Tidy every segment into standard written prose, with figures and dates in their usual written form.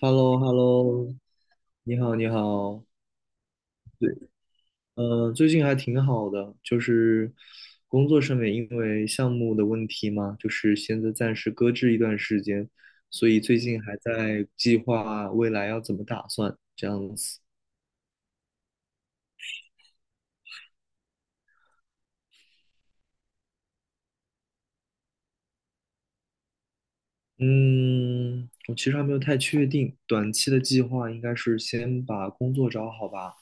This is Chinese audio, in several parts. hello hello 你好，你好，对，最近还挺好的，就是工作上面因为项目的问题嘛，就是现在暂时搁置一段时间，所以最近还在计划未来要怎么打算这样子。嗯，我其实还没有太确定，短期的计划应该是先把工作找好吧，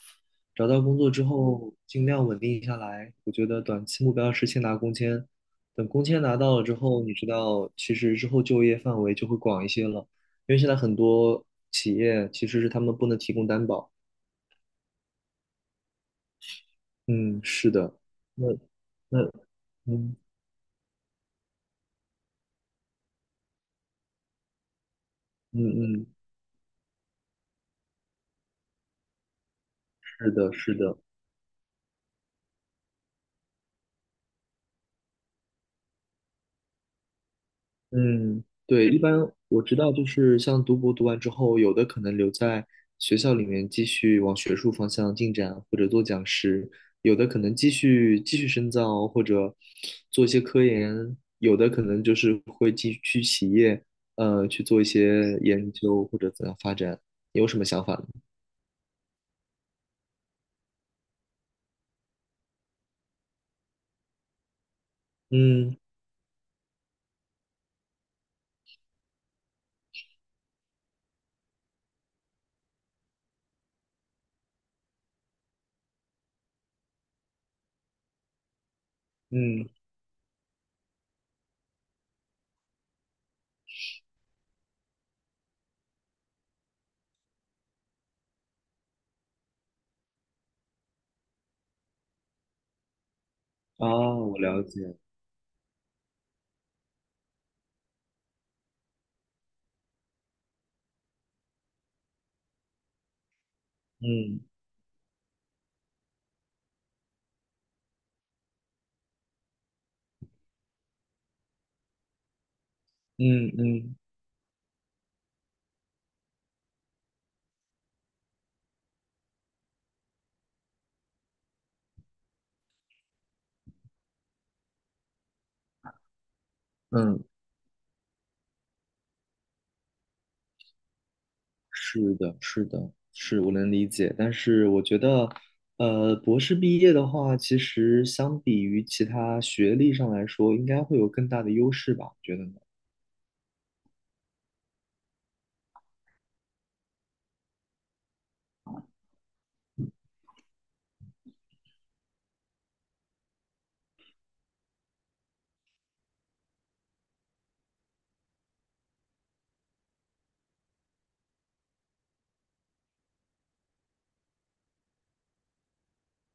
找到工作之后尽量稳定下来。我觉得短期目标是先拿工签，等工签拿到了之后，你知道，其实之后就业范围就会广一些了，因为现在很多企业其实是他们不能提供担保。嗯，是的，那那嗯嗯嗯，是的，是的。嗯，对，一般我知道，就是像读博读完之后，有的可能留在学校里面继续往学术方向进展，或者做讲师；有的可能继续深造，或者做一些科研；有的可能就是会继续去企业，去做一些研究或者怎样发展。你有什么想法呢？嗯嗯，啊，我了解。嗯嗯嗯嗯。是的，是的，是我能理解，但是我觉得，博士毕业的话，其实相比于其他学历上来说，应该会有更大的优势吧？觉得呢？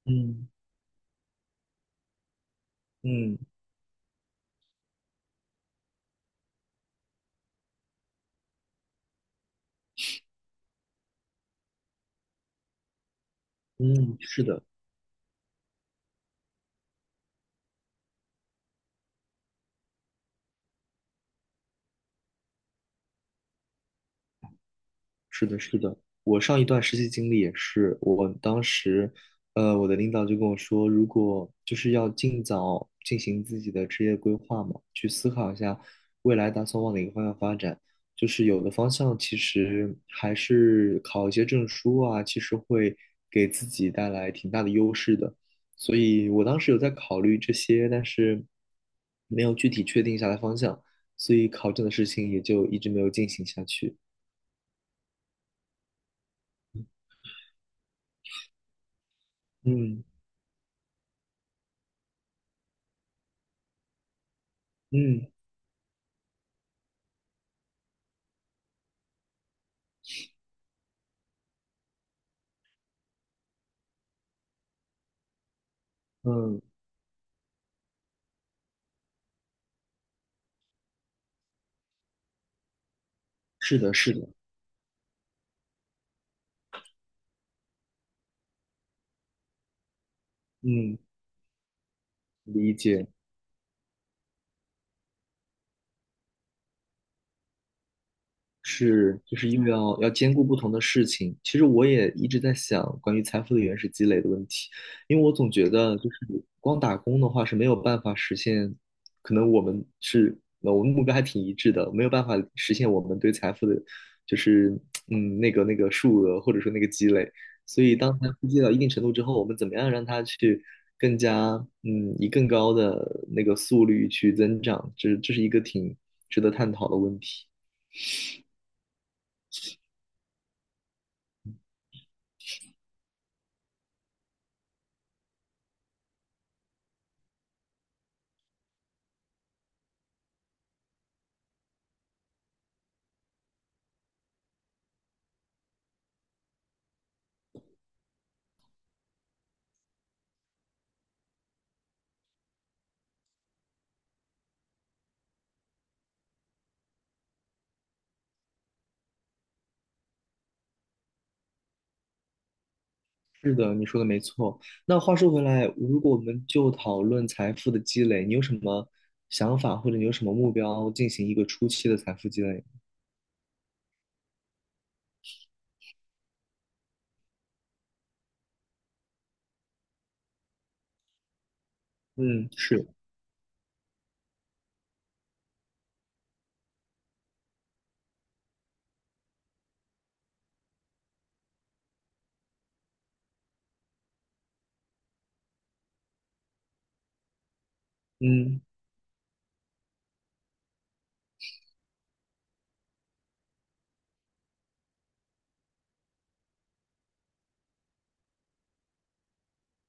嗯嗯嗯，是的。是的，是的，我上一段实习经历也是，我当时，我的领导就跟我说，如果就是要尽早进行自己的职业规划嘛，去思考一下未来打算往哪个方向发展。就是有的方向其实还是考一些证书啊，其实会给自己带来挺大的优势的。所以我当时有在考虑这些，但是没有具体确定下来方向，所以考证的事情也就一直没有进行下去。嗯嗯，嗯，是的，是的，嗯，理解。是，就是因为要兼顾不同的事情。其实我也一直在想关于财富的原始积累的问题，因为我总觉得就是光打工的话是没有办法实现，可能我们目标还挺一致的，没有办法实现我们对财富的，就是那个数额或者说那个积累。所以当财富积累到一定程度之后，我们怎么样让它去更加以更高的那个速率去增长，这是一个挺值得探讨的问题。是的，你说的没错。那话说回来，如果我们就讨论财富的积累，你有什么想法，或者你有什么目标进行一个初期的财富积累？嗯，是，嗯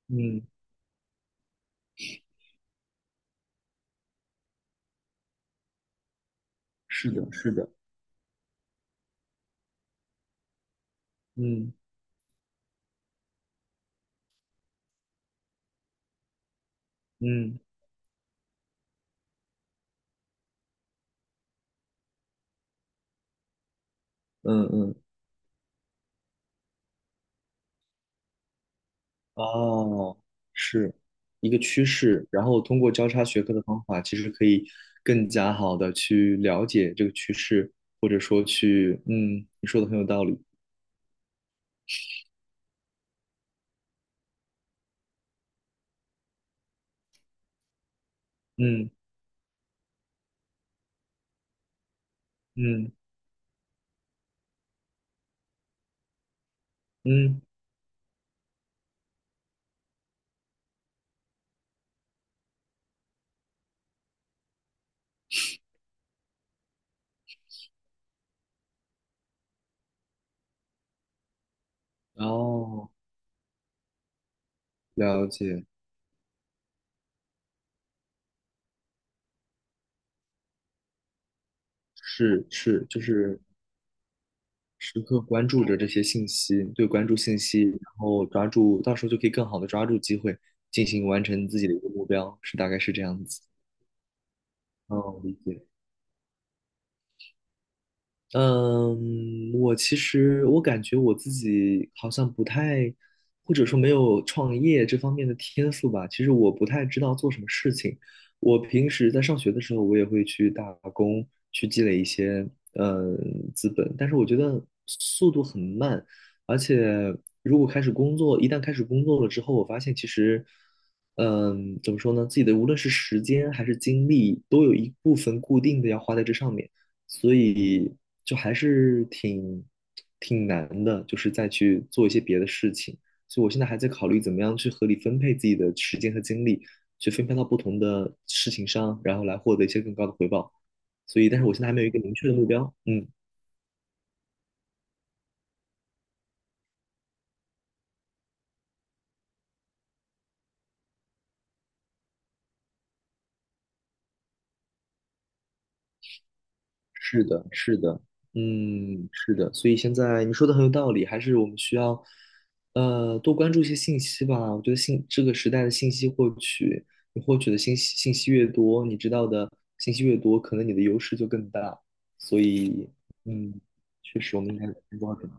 嗯，是的，是的，嗯嗯嗯嗯，哦，是一个趋势。然后通过交叉学科的方法，其实可以更加好的去了解这个趋势，或者说去，你说的很有道理。嗯嗯嗯，哦，了解。是是，就是时刻关注着这些信息，对，关注信息，然后抓住，到时候就可以更好的抓住机会，进行完成自己的一个目标，是大概是这样子。哦，理解。嗯，我其实我感觉我自己好像不太，或者说没有创业这方面的天赋吧。其实我不太知道做什么事情。我平时在上学的时候，我也会去打工，去积累一些资本，但是我觉得速度很慢，而且如果开始工作，一旦开始工作了之后，我发现其实。怎么说呢？自己的无论是时间还是精力，都有一部分固定的要花在这上面。所以就还是挺难的，就是再去做一些别的事情。所以我现在还在考虑怎么样去合理分配自己的时间和精力，去分配到不同的事情上，然后来获得一些更高的回报。但是我现在还没有一个明确的目标。嗯，是的，是的，嗯，是的，所以现在你说的很有道理，还是我们需要，多关注一些信息吧。我觉得这个时代的信息获取，你获取的信息越多，你知道的信息越多，可能你的优势就更大。所以，嗯，确实我们应该多点，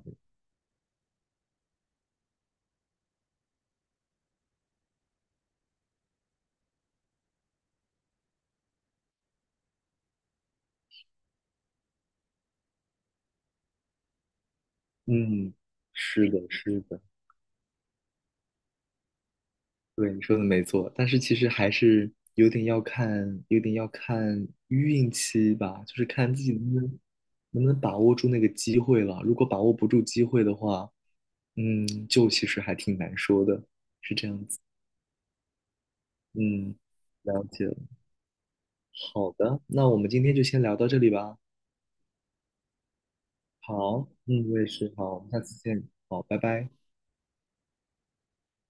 嗯，是的，是的。对，你说的没错，但是其实还是有点要看运气吧，就是看自己能不能把握住那个机会了。如果把握不住机会的话，就其实还挺难说的，是这样子。嗯，了解了。好的，那我们今天就先聊到这里吧。好，嗯，我也是。好，我们下次见。好，拜拜。